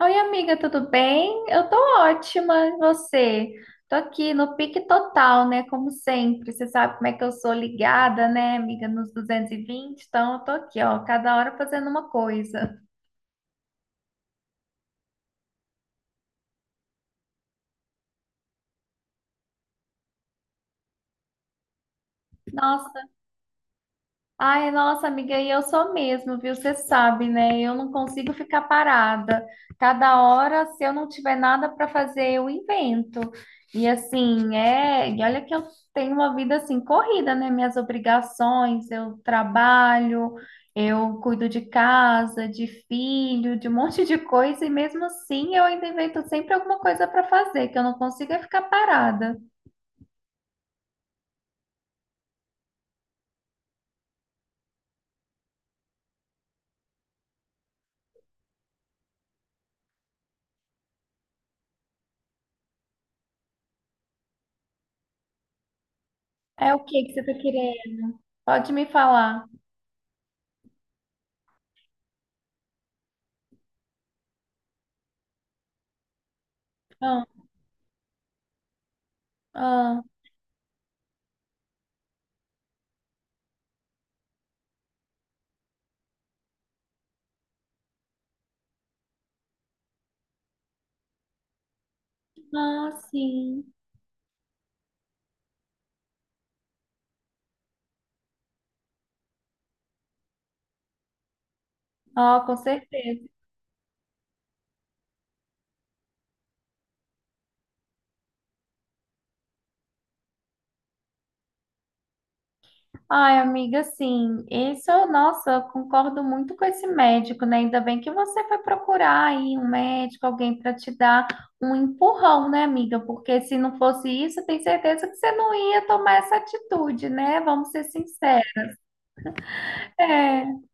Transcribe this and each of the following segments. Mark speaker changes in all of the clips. Speaker 1: Oi, amiga, tudo bem? Eu tô ótima, e você? Tô aqui no pique total, né? Como sempre, você sabe como é que eu sou ligada, né, amiga, nos 220, então eu tô aqui, ó, cada hora fazendo uma coisa. Nossa, ai, nossa amiga, e eu sou mesmo, viu? Você sabe, né? Eu não consigo ficar parada. Cada hora, se eu não tiver nada para fazer, eu invento. E assim, é, e olha que eu tenho uma vida assim corrida, né? Minhas obrigações, eu trabalho, eu cuido de casa, de filho, de um monte de coisa, e mesmo assim eu ainda invento sempre alguma coisa para fazer, que eu não consigo é ficar parada. É o que que você tá querendo? Pode me falar. Ah, ah. Ah, sim. Ah, com certeza. Ai, amiga, sim. Isso, nossa, eu concordo muito com esse médico, né? Ainda bem que você foi procurar aí um médico, alguém para te dar um empurrão, né, amiga? Porque se não fosse isso, eu tenho certeza que você não ia tomar essa atitude, né? Vamos ser sinceros. É.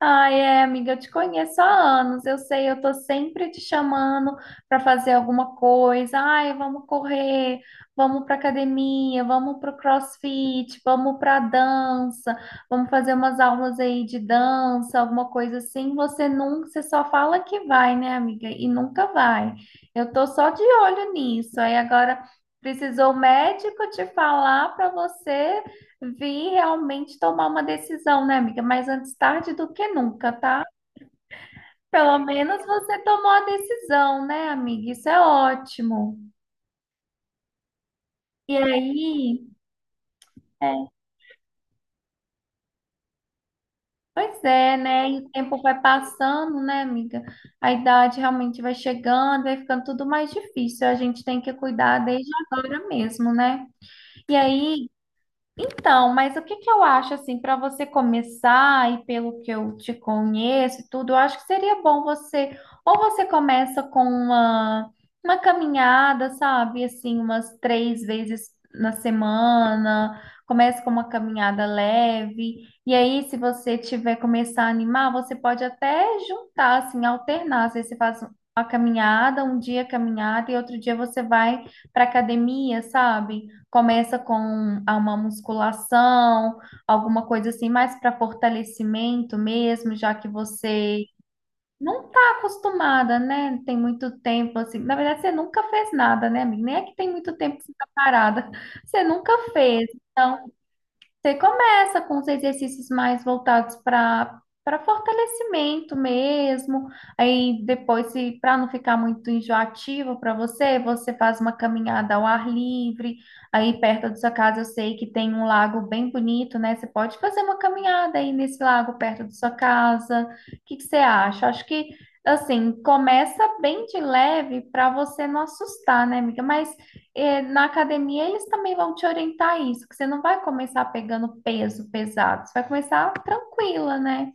Speaker 1: Ai, é, amiga, eu te conheço há anos, eu sei, eu tô sempre te chamando para fazer alguma coisa. Ai, vamos correr, vamos pra academia, vamos pro CrossFit, vamos pra dança, vamos fazer umas aulas aí de dança, alguma coisa assim. Você nunca, você só fala que vai, né, amiga? E nunca vai. Eu tô só de olho nisso. Aí agora precisou o médico te falar para você vi realmente tomar uma decisão, né, amiga? Mas antes tarde do que nunca, tá? Pelo menos você tomou a decisão, né, amiga? Isso é ótimo. E aí, é, pois é, né? E o tempo vai passando, né, amiga? A idade realmente vai chegando, vai ficando tudo mais difícil. A gente tem que cuidar desde agora mesmo, né? E aí, então, mas o que que eu acho assim para você começar e pelo que eu te conheço e tudo, eu acho que seria bom você ou você começa com uma caminhada, sabe, assim, umas três vezes na semana, começa com uma caminhada leve e aí se você tiver começar a animar, você pode até juntar assim, alternar, às vezes você faz uma caminhada, um dia caminhada e outro dia você vai para academia, sabe? Começa com a uma musculação, alguma coisa assim, mais para fortalecimento mesmo, já que você não está acostumada, né? Tem muito tempo assim. Na verdade, você nunca fez nada, né, amiga? Nem é que tem muito tempo que você está parada. Você nunca fez. Então, você começa com os exercícios mais voltados para fortalecimento mesmo. Aí depois, se para não ficar muito enjoativo para você, você faz uma caminhada ao ar livre. Aí perto da sua casa, eu sei que tem um lago bem bonito, né? Você pode fazer uma caminhada aí nesse lago perto da sua casa. O que que você acha? Acho que assim, começa bem de leve para você não assustar, né, amiga? Mas é, na academia eles também vão te orientar a isso, que você não vai começar pegando peso pesado, você vai começar tranquila, né?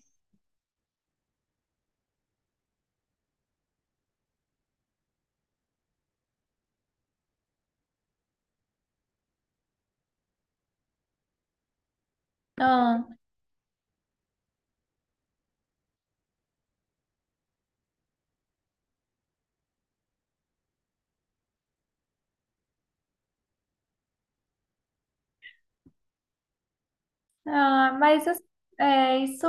Speaker 1: Ah, ah, mas assim, é, isso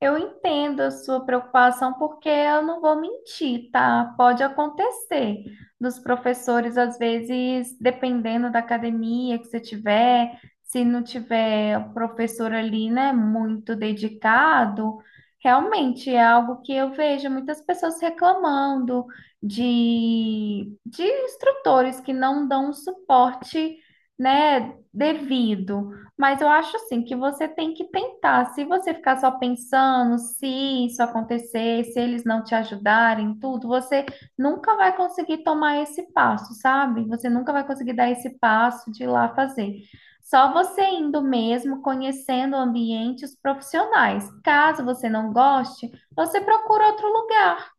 Speaker 1: eu entendo a sua preocupação, porque eu não vou mentir, tá? Pode acontecer dos professores, às vezes, dependendo da academia que você tiver, se não tiver o professor ali, né, muito dedicado, realmente é algo que eu vejo muitas pessoas reclamando de instrutores que não dão um suporte, né, devido. Mas eu acho assim que você tem que tentar. Se você ficar só pensando, se isso acontecer, se eles não te ajudarem, tudo, você nunca vai conseguir tomar esse passo, sabe? Você nunca vai conseguir dar esse passo de ir lá fazer. Só você indo mesmo, conhecendo o ambiente, os profissionais. Caso você não goste, você procura outro lugar,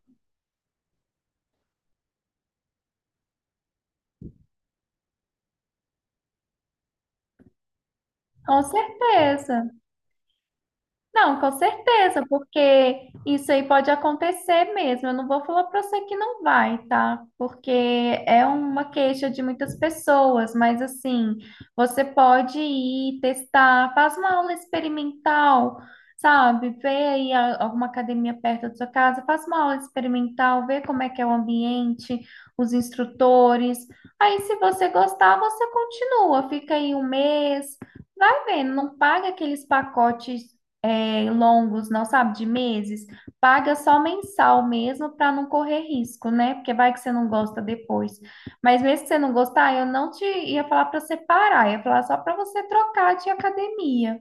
Speaker 1: com certeza. Não, com certeza, porque isso aí pode acontecer mesmo. Eu não vou falar para você que não vai, tá? Porque é uma queixa de muitas pessoas, mas assim, você pode ir testar, faz uma aula experimental, sabe? Vê aí alguma academia perto da sua casa, faz uma aula experimental, vê como é que é o ambiente, os instrutores. Aí, se você gostar, você continua, fica aí um mês. Vai vendo, não paga aqueles pacotes é, longos, não sabe, de meses, paga só mensal mesmo para não correr risco, né? Porque vai que você não gosta depois. Mas mesmo que você não gostar, eu não te ia falar para você parar, ia falar só para você trocar de academia.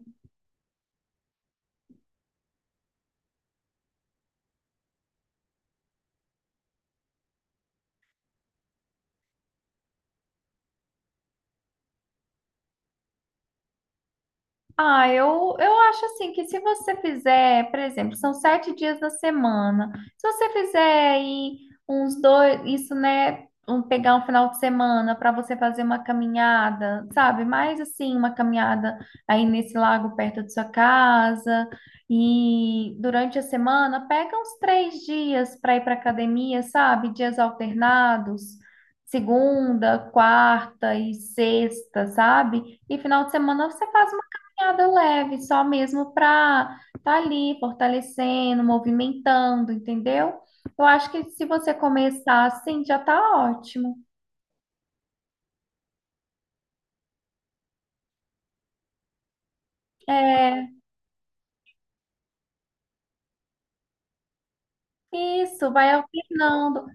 Speaker 1: Eu acho assim que se você fizer, por exemplo, são sete dias da semana. Se você fizer aí uns dois, isso, né? Um, pegar um final de semana para você fazer uma caminhada, sabe? Mais assim, uma caminhada aí nesse lago perto de sua casa. E durante a semana, pega uns três dias para ir para academia, sabe? Dias alternados. Segunda, quarta e sexta, sabe? E final de semana você faz caminhada leve, só mesmo para tá ali fortalecendo, movimentando, entendeu? Eu acho que se você começar assim, já tá ótimo. É, isso, vai alternando.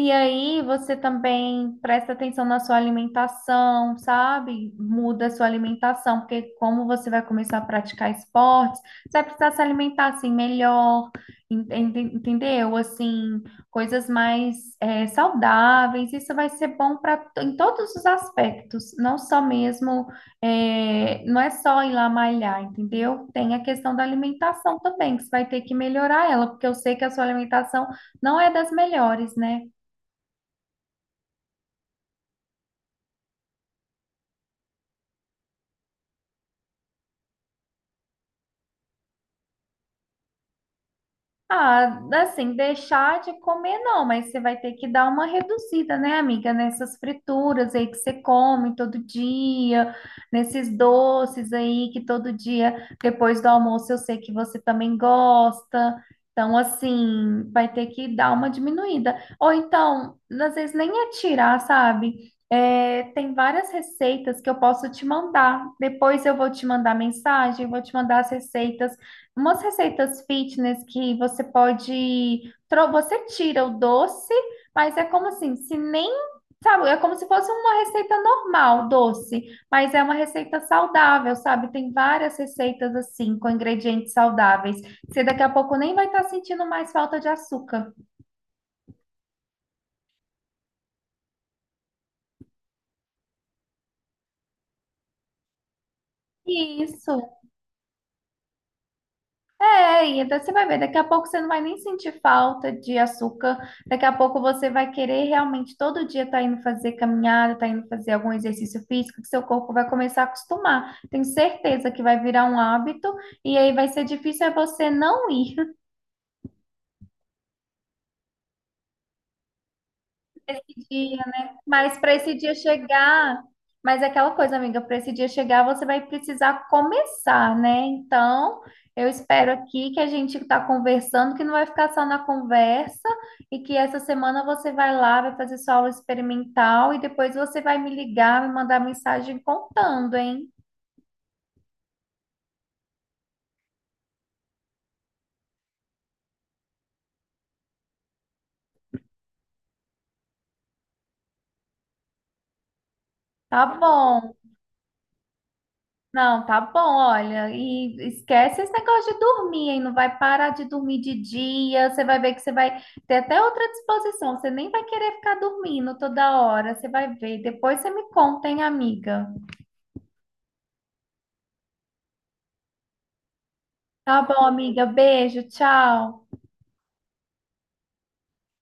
Speaker 1: E aí você também presta atenção na sua alimentação, sabe? Muda a sua alimentação, porque como você vai começar a praticar esportes, você vai precisar se alimentar assim melhor, entendeu? Assim, coisas mais saudáveis. Isso vai ser bom para em todos os aspectos, não só mesmo, não é só ir lá malhar, entendeu? Tem a questão da alimentação também, que você vai ter que melhorar ela, porque eu sei que a sua alimentação não é das melhores, né? Ah, assim, deixar de comer não, mas você vai ter que dar uma reduzida, né, amiga? Nessas frituras aí que você come todo dia, nesses doces aí que todo dia, depois do almoço, eu sei que você também gosta. Então, assim, vai ter que dar uma diminuída. Ou então, às vezes nem é tirar, sabe? É, tem várias receitas que eu posso te mandar. Depois eu vou te mandar mensagem, vou te mandar as receitas umas receitas fitness que você pode, você tira o doce, mas é como assim, se nem, sabe, é como se fosse uma receita normal, doce, mas é uma receita saudável, sabe? Tem várias receitas assim, com ingredientes saudáveis. Você daqui a pouco nem vai estar sentindo mais falta de açúcar. Isso. É, e então você vai ver, daqui a pouco você não vai nem sentir falta de açúcar, daqui a pouco você vai querer realmente todo dia estar indo fazer caminhada, tá indo fazer algum exercício físico, que seu corpo vai começar a acostumar. Tenho certeza que vai virar um hábito, e aí vai ser difícil é você não ir. Dia, né? Mas para esse dia chegar, mas é aquela coisa, amiga, para esse dia chegar, você vai precisar começar, né? Então, eu espero aqui que a gente está conversando, que não vai ficar só na conversa, e que essa semana você vai lá, vai fazer sua aula experimental, e depois você vai me ligar, me mandar mensagem contando, hein? Tá bom. Não, tá bom, olha, e esquece esse negócio de dormir, hein? Não vai parar de dormir de dia, você vai ver que você vai ter até outra disposição, você nem vai querer ficar dormindo toda hora, você vai ver. Depois você me conta, hein, amiga? Tá bom, amiga, beijo, tchau.